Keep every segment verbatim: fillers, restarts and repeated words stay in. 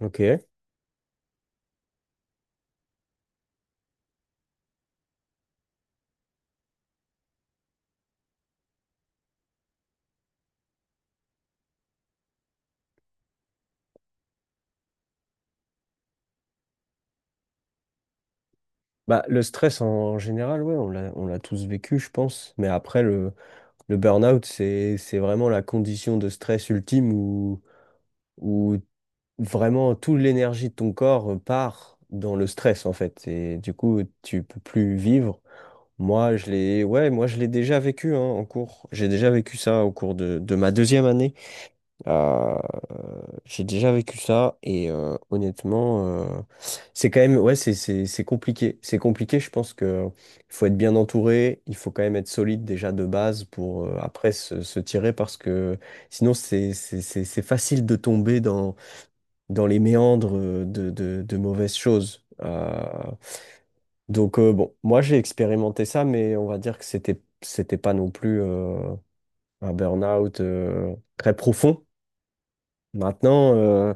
Ok. Bah, le stress en, en général, ouais, on l'a, on l'a tous vécu, je pense. Mais après, le, le burn-out, c'est, c'est vraiment la condition de stress ultime où, où vraiment toute l'énergie de ton corps part dans le stress, en fait. Et du coup, tu peux plus vivre. Moi, je l'ai, ouais, moi, je l'ai déjà vécu, hein, en cours. J'ai déjà vécu ça au cours de, de ma deuxième année. Euh, j'ai déjà vécu ça et euh, honnêtement, euh, c'est quand même, ouais, c'est c'est- c'est compliqué. C'est compliqué, je pense que il faut être bien entouré, il faut quand même être solide déjà de base pour euh, après se, se tirer parce que sinon c'est c'est- c'est- c'est facile de tomber dans, dans les méandres euh, de, de, de mauvaises choses. Euh, donc euh, bon, moi j'ai expérimenté ça, mais on va dire que c'était c'était pas non plus euh, un burn-out euh, très profond. Maintenant, euh,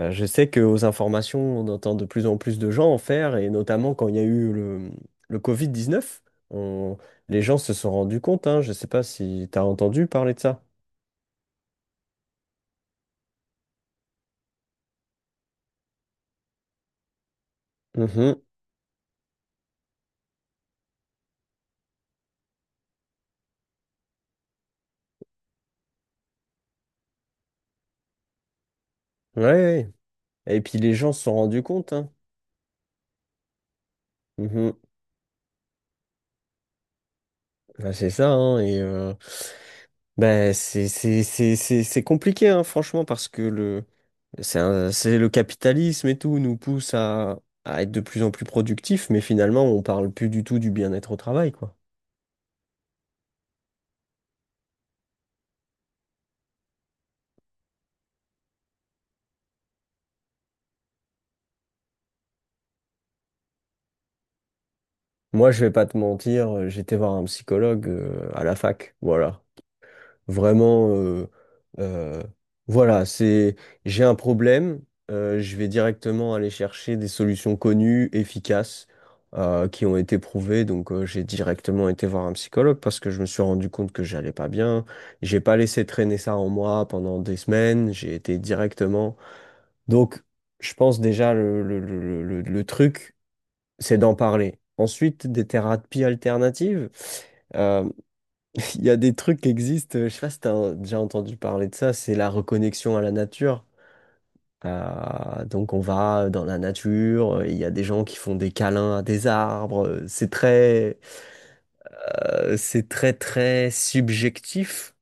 euh, je sais qu'aux informations, on entend de plus en plus de gens en faire, et notamment quand il y a eu le, le covid dix-neuf, on- les gens se sont rendus compte, hein, je ne sais pas si tu as entendu parler de ça. Mhm. Ouais, ouais. Et puis les gens se sont rendus compte, hein. Mhm. Ouais, c'est ça, hein, et euh, ben, c'est c'est- c'est- c'est- c'est compliqué, hein, franchement, parce que le, c'est un- c'est le capitalisme et tout nous pousse à, à être de plus en plus productifs, mais finalement, on parle plus du tout du bien-être au travail, quoi. Moi, je vais pas te mentir, euh, j'étais voir un psychologue euh, à la fac. Voilà. Vraiment, euh, euh, voilà, c'est, j'ai un problème, euh, je vais directement aller chercher des solutions connues, efficaces, euh, qui ont été prouvées. Donc, euh, j'ai directement été voir un psychologue parce que je me suis rendu compte que j'allais pas bien. J'ai pas laissé traîner ça en moi pendant des semaines. J'ai été directement. Donc, je pense déjà le, le, le, le, le le truc c'est d'en parler. Ensuite, des thérapies alternatives. Euh, il y a des trucs qui existent, je sais pas si tu as déjà entendu parler de ça, c'est la reconnexion à la nature. Euh, donc on va dans la nature, euh, il y a des gens qui font des câlins à des arbres, euh, c'est très, euh, c'est très très subjectif.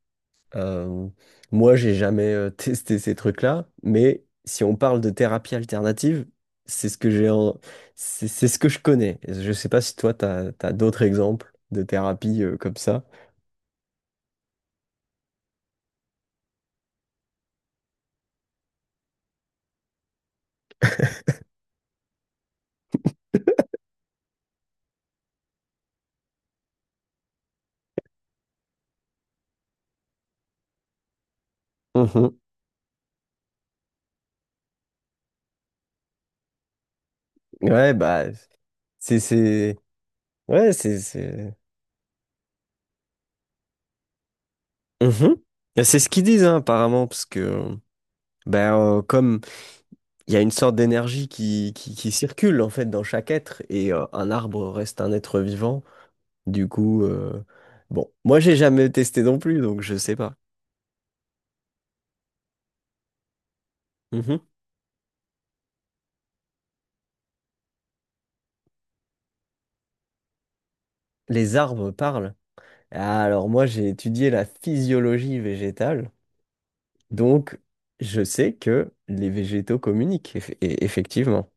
Euh, moi, j'ai jamais euh, testé ces trucs-là, mais si on parle de thérapie alternative, c'est ce que j'ai en... c'est c'est ce que je connais. Je sais pas si toi, t'as, t'as d'autres exemples de thérapies euh, comme ça. Mhm. Ouais, bah, c'est, c'est, ouais, c'est, c'est, Mhm. Et c'est ce qu'ils disent, hein, apparemment, parce que, ben, euh, comme il y a une sorte d'énergie qui, qui, qui circule, en fait, dans chaque être, et euh, un arbre reste un être vivant. Du coup, euh, bon, moi j'ai jamais testé non plus, donc je sais pas. Mhm. Les arbres parlent. Ah, alors moi j'ai étudié la physiologie végétale, donc je sais que les végétaux communiquent, eff- et- effectivement.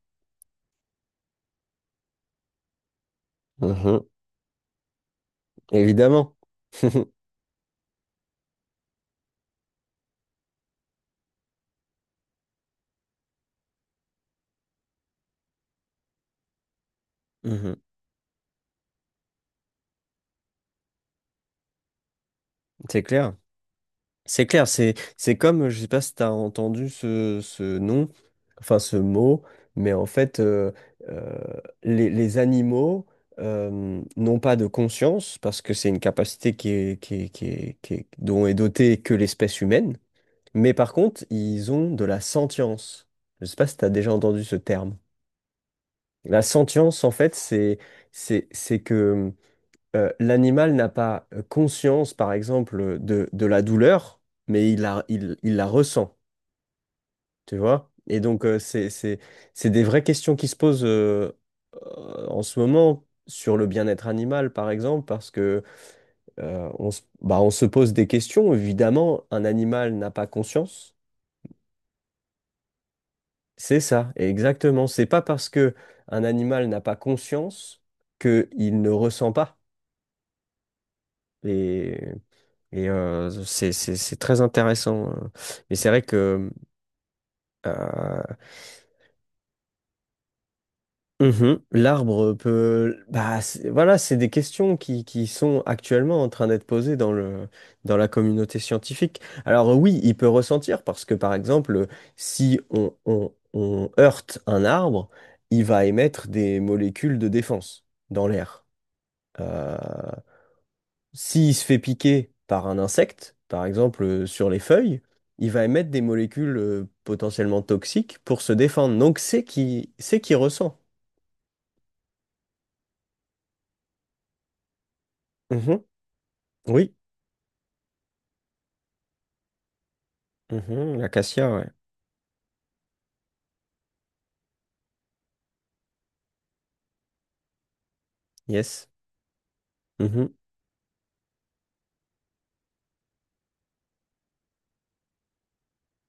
Mhm. Évidemment. Mhm. C'est clair. C'est clair, c'est c'est comme, je sais pas si tu as entendu ce, ce nom, enfin ce mot, mais en fait, euh, euh, les, les animaux euh, n'ont pas de conscience, parce que c'est une capacité qui est, qui est- qui est- qui est- dont est dotée que l'espèce humaine, mais par contre, ils ont de la sentience. Je sais pas si tu as déjà entendu ce terme. La sentience, en fait, c'est c'est c'est que euh, l'animal n'a pas euh, conscience, par exemple, de, de la douleur, mais il la, il, il la ressent, tu vois? Et donc, euh, c'est, c'est, c'est des vraies questions qui se posent euh, euh, en ce moment sur le bien-être animal, par exemple, parce que euh, on se, bah, on se pose des questions. Évidemment, un animal n'a pas conscience. C'est ça, exactement. C'est pas parce que un animal n'a pas conscience qu'il ne ressent pas. Et Et euh, c'est c'est- c'est très intéressant. euh. Mais c'est vrai que euh, mhm, l'arbre peut... Bah, c'est- voilà, c'est des questions qui, qui sont actuellement en train d'être posées dans le, dans la communauté scientifique. Alors oui, il peut ressentir parce que, par exemple, si on, on, on heurte un arbre, il va émettre des molécules de défense dans l'air. Euh, S'il se fait piquer par un insecte, par exemple euh, sur les feuilles, il va émettre des molécules euh, potentiellement toxiques pour se défendre. Donc c'est qui c'est qui ressent. Mhm. Oui. Mhm. L'acacia, ouais. Yes. Mhm.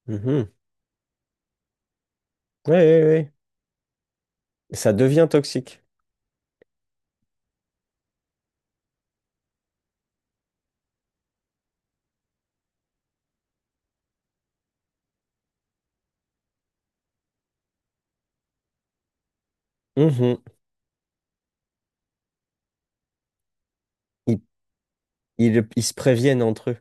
Mhm. Ouais, ouais, ouais. Ça devient toxique. Mhm. Ils, ils- ils se préviennent entre eux.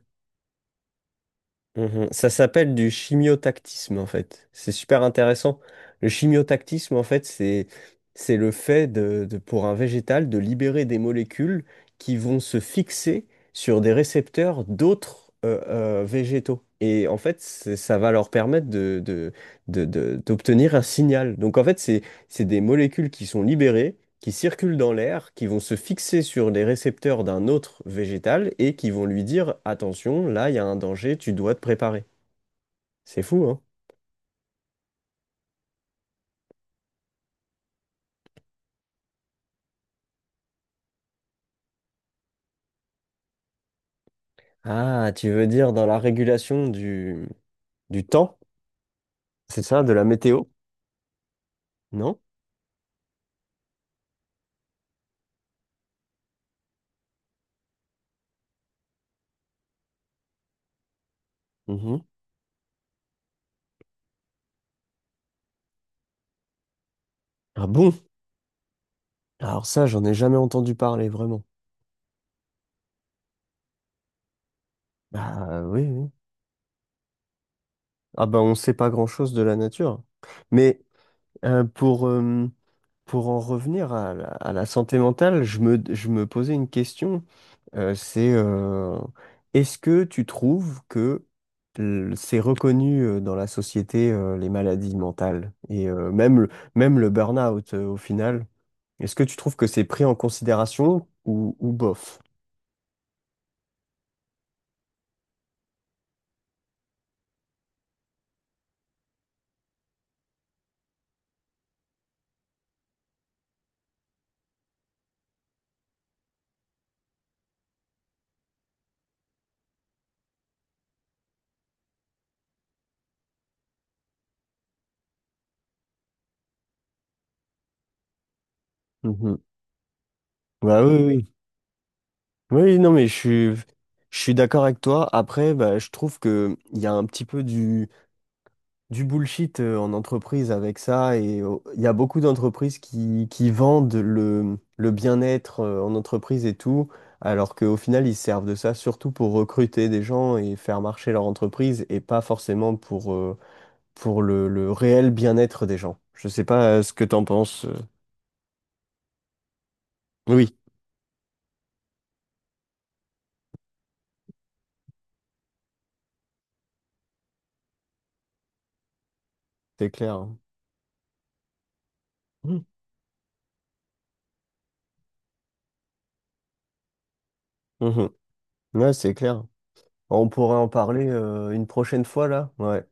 Mhm. Ça s'appelle du chimiotactisme en fait. C'est super intéressant. Le chimiotactisme en fait, c'est c'est le fait de, de- pour un végétal de libérer des molécules qui vont se fixer sur des récepteurs d'autres euh, euh, végétaux. Et en fait, c'est- ça va leur permettre de, de- de- de- d'obtenir un signal. Donc en fait, c'est c'est des molécules qui sont libérées qui circulent dans l'air, qui vont se fixer sur les récepteurs d'un autre végétal et qui vont lui dire, attention, là, il y a un danger, tu dois te préparer. C'est fou, hein? Ah, tu veux dire dans la régulation du, du temps, c'est ça, de la météo, non? Mhm. Ah bon? Alors ça, j'en ai jamais entendu parler, vraiment. Bah oui, oui. Ah bah on sait pas grand-chose de la nature. Mais euh, pour, euh, pour en revenir à la, à la santé mentale, je me, je me posais une question. Euh, c'est euh, est-ce que tu trouves que l- c'est reconnu euh, dans la société euh, les maladies mentales et euh, même le, même le burn-out euh, au final? Est-ce que tu trouves que c'est pris en considération ou, ou bof? Mhm. Bah oui, oui. Oui, oui, non, mais je suis, je suis d'accord avec toi. Après, bah, je trouve que il y a un petit peu du... du bullshit euh, en entreprise avec ça et euh, il y a beaucoup d'entreprises qui, qui vendent le, le bien-être euh, en entreprise et tout, alors qu'au final ils se servent de ça surtout pour recruter des gens et faire marcher leur entreprise et pas forcément pour, euh, pour le, le réel bien-être des gens. Je sais pas euh, ce que t'en penses. euh. Oui, c'est clair. Mhm. Mhm. Ouais, c'est clair. On pourrait en parler euh, une prochaine fois là. Ouais.